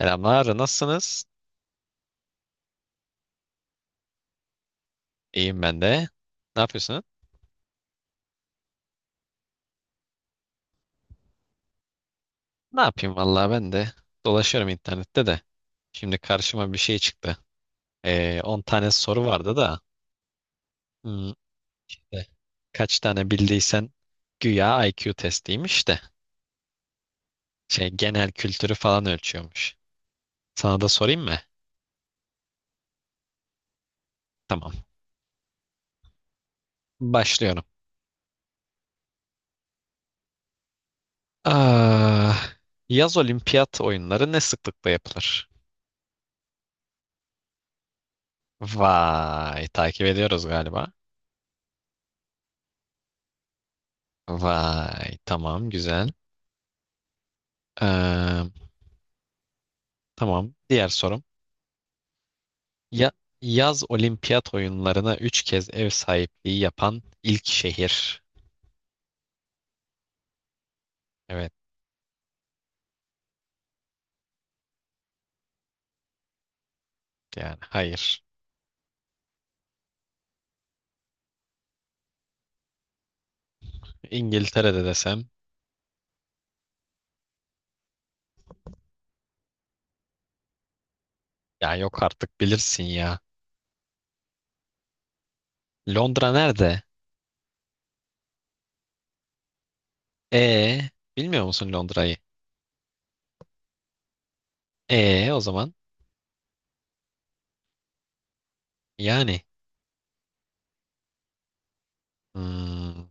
Selamlar, nasılsınız? İyiyim ben de. Ne yapıyorsunuz? Ne yapayım vallahi ben de. Dolaşıyorum internette de. Şimdi karşıma bir şey çıktı. 10 tane soru vardı da. Hmm, de, kaç tane bildiysen güya IQ testiymiş de. Genel kültürü falan ölçüyormuş. Sana da sorayım mı? Tamam. Başlıyorum. Ah, yaz olimpiyat oyunları ne sıklıkla yapılır? Vay, takip ediyoruz galiba. Vay, tamam, güzel. Ee, Tamam. Diğer sorum. Ya, yaz olimpiyat oyunlarına 3 kez ev sahipliği yapan ilk şehir. Evet, yani hayır. İngiltere'de desem ya yok artık bilirsin ya. Londra nerede? E, bilmiyor musun Londra'yı? E o zaman yani. hmm,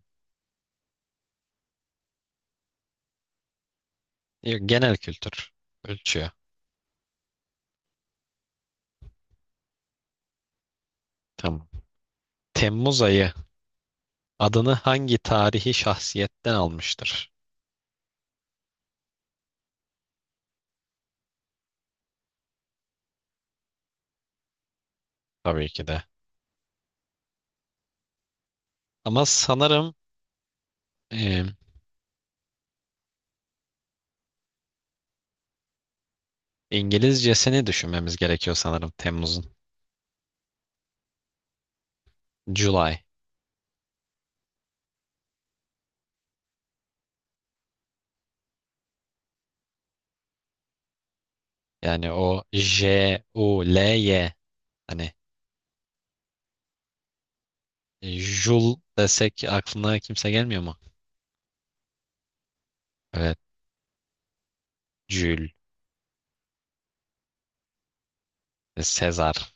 yok, genel kültür ölçüyor. Tamam. Temmuz ayı adını hangi tarihi şahsiyetten almıştır? Tabii ki de. Ama sanırım e, İngilizcesini düşünmemiz gerekiyor sanırım Temmuz'un. July. Yani o July. Hani Jul desek aklına kimse gelmiyor mu? Evet. Jül, Sezar.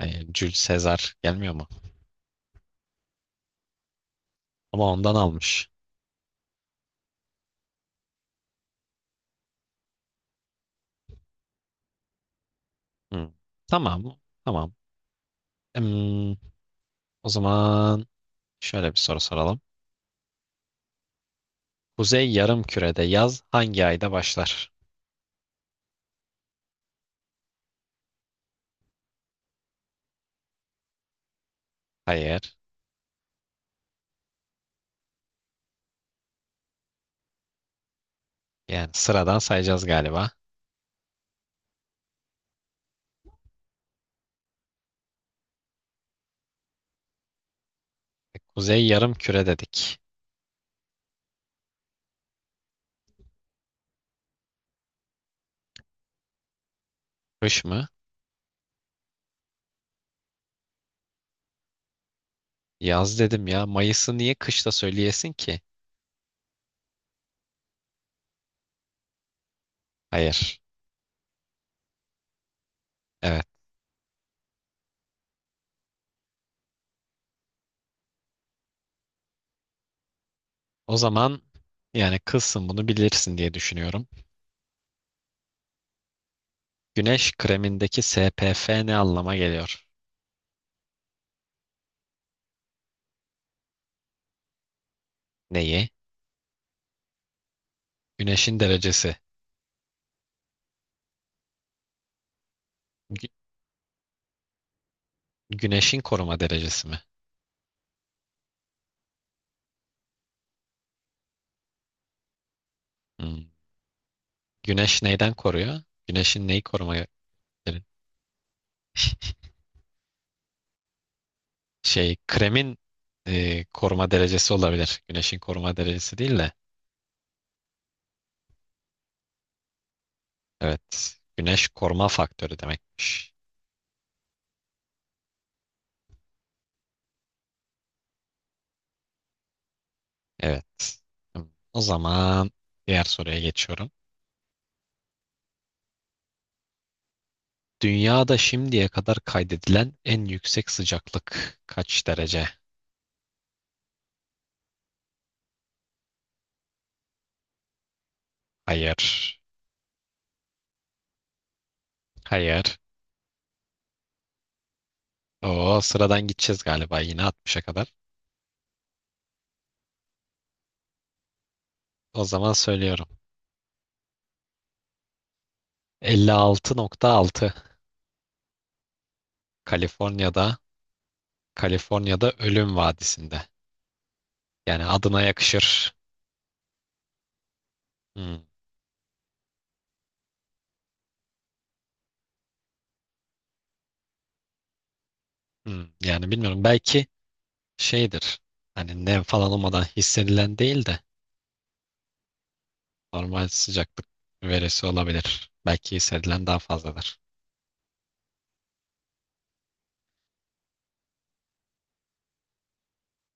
Yani Jül Sezar gelmiyor mu? Ama ondan almış. Hı. Tamam. Tamam. Hmm, o zaman şöyle bir soru soralım. Kuzey Yarımküre'de yaz hangi ayda başlar? Hayır. Yani sıradan sayacağız galiba. Kuzey Yarımküre dedik. Kış mı? Yaz dedim ya. Mayıs'ı niye kışta söyleyesin ki? Hayır. Evet. O zaman yani, kızsın bunu bilirsin diye düşünüyorum. Güneş kremindeki SPF ne anlama geliyor? Neyi? Güneşin derecesi. Gü- güneşin koruma derecesi mi? Hmm. Güneş neyden koruyor? Güneşin neyi koruma, şey kremin koruma derecesi olabilir. Güneşin koruma derecesi değil de. Evet. Güneş koruma faktörü demekmiş. Evet. O zaman diğer soruya geçiyorum. Dünyada şimdiye kadar kaydedilen en yüksek sıcaklık kaç derece? Hayır. Hayır. O sıradan gideceğiz galiba yine 60'a kadar. O zaman söylüyorum. 56,6, Kaliforniya'da Kaliforniya'da Ölüm Vadisi'nde. Yani adına yakışır. Hmm, hmm. Yani bilmiyorum, belki şeydir. Hani nem falan olmadan hissedilen değil de normal sıcaklık verisi olabilir. Belki hissedilen daha fazladır.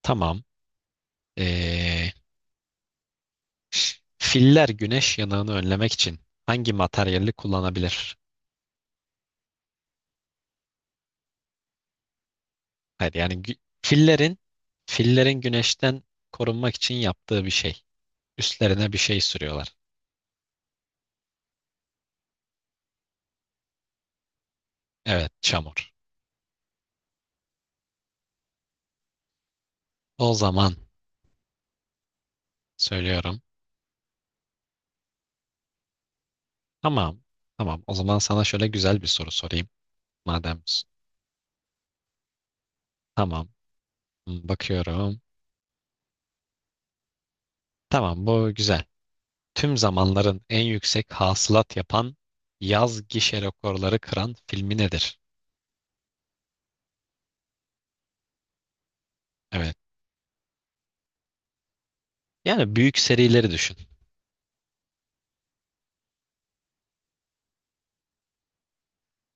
Tamam. Ee, filler güneş yanığını önlemek için hangi materyali kullanabilir? Hayır yani fillerin güneşten korunmak için yaptığı bir şey. Üstlerine bir şey sürüyorlar. Evet, çamur. O zaman söylüyorum. Tamam. Tamam. O zaman sana şöyle güzel bir soru sorayım. Madem tamam. Bakıyorum. Tamam, bu güzel. Tüm zamanların en yüksek hasılat yapan yaz gişe rekorları kıran filmi nedir? Evet. Yani büyük serileri düşün.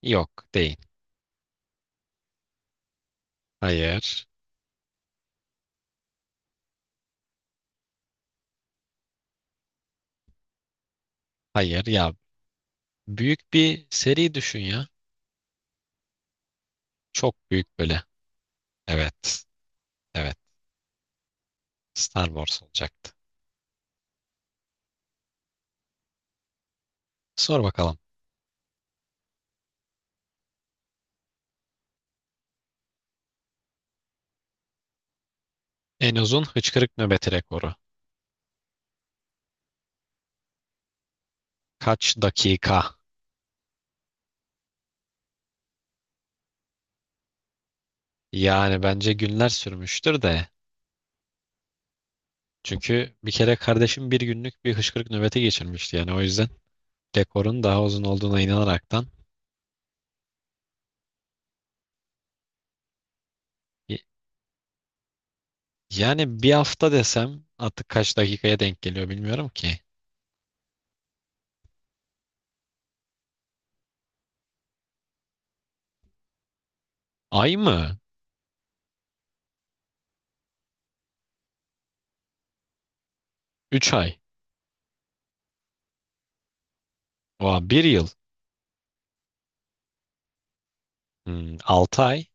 Yok değil. Hayır. Hayır ya, büyük bir seri düşün ya. Çok büyük böyle. Evet. Evet. Star Wars olacaktı. Sor bakalım. En uzun hıçkırık nöbeti rekoru. Kaç dakika? Yani bence günler sürmüştür de. Çünkü bir kere kardeşim bir günlük bir hıçkırık nöbeti geçirmişti. Yani o yüzden rekorun daha uzun olduğuna inanaraktan. Y- Yani bir hafta desem artık kaç dakikaya denk geliyor bilmiyorum ki. Ay mı? 3 ay. Oha, bir yıl. 6 ay.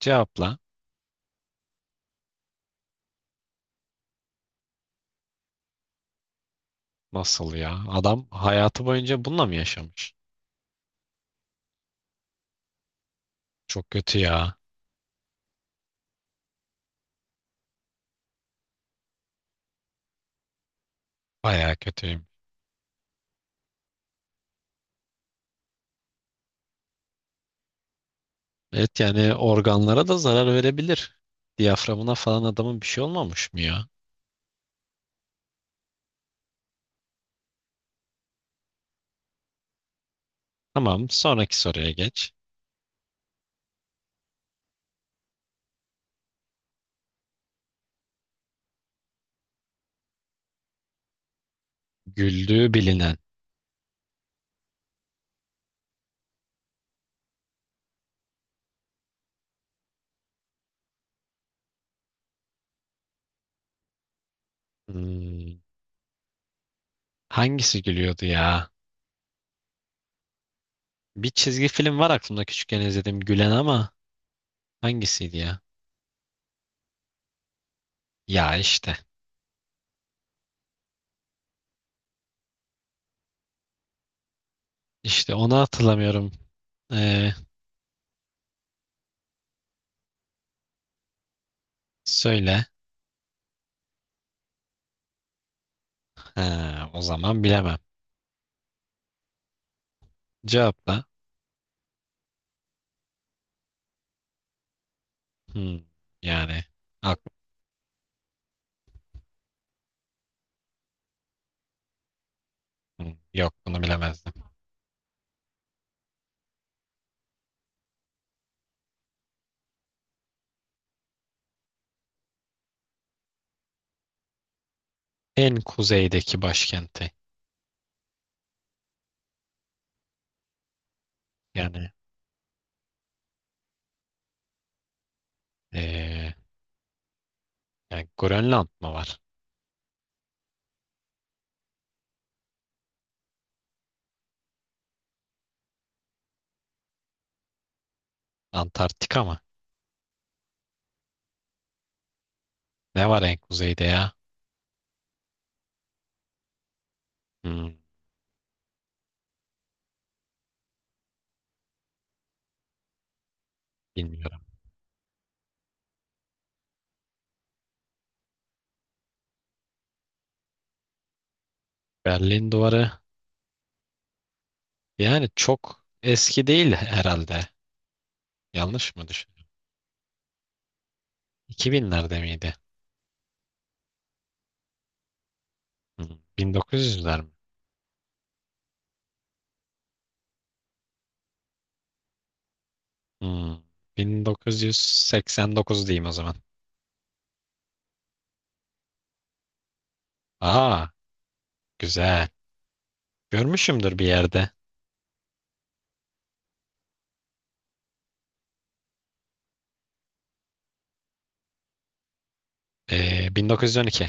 Cevapla. Nasıl ya? Adam hayatı boyunca bununla mı yaşamış? Çok kötü ya. Bayağı kötüyüm. Evet, yani organlara da zarar verebilir. Diyaframına falan adamın bir şey olmamış mı ya? Tamam, sonraki soruya geç. Güldüğü bilinen. Hmm, hangisi gülüyordu ya? Bir çizgi film var aklımda küçükken izlediğim gülen, ama hangisiydi ya? Ya işte. İşte onu hatırlamıyorum. Ee, söyle. Ha, o zaman bilemem. Cevapla. Hmm, yani aklım yok, bunu bilemezdim. En kuzeydeki başkenti. Yani ee, yani Grönland mı var? Antarktika mı? Ne var en kuzeyde ya? Hmm, bilmiyorum. Berlin Duvarı. Yani çok eski değil herhalde. Yanlış mı düşünüyorum? 2000'lerde miydi? Hmm, 1900'ler mi? Hmm, 1989 diyeyim o zaman. Aa, güzel. Görmüşümdür bir yerde. 1912.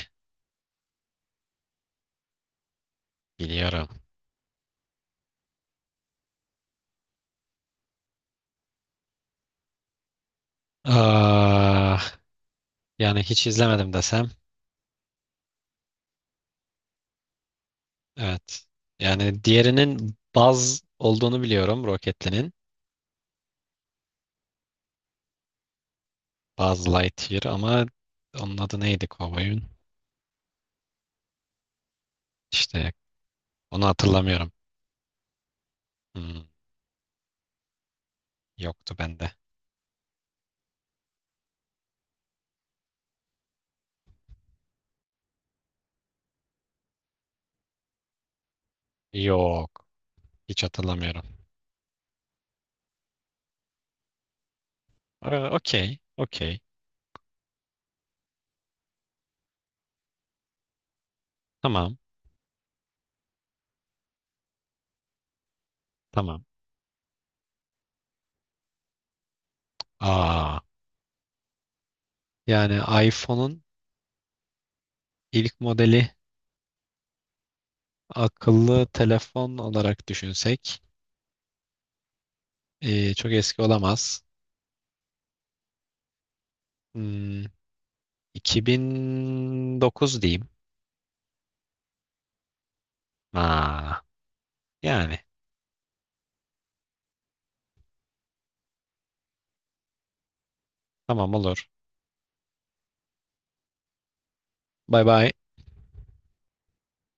Biliyorum. Aa, yani hiç izlemedim desem. Evet. Yani diğerinin Buzz olduğunu biliyorum. Roketli'nin. Buzz Lightyear, ama onun adı neydi kovboyun? İşte onu hatırlamıyorum. Hmm, yoktu bende. Yok. Hiç hatırlamıyorum. Aa, okey. Okey. Tamam. Tamam. Aa. Yani iPhone'un ilk modeli akıllı telefon olarak düşünsek çok eski olamaz. Hmm, 2009 diyeyim. Aa, yani tamam olur. Bay bay.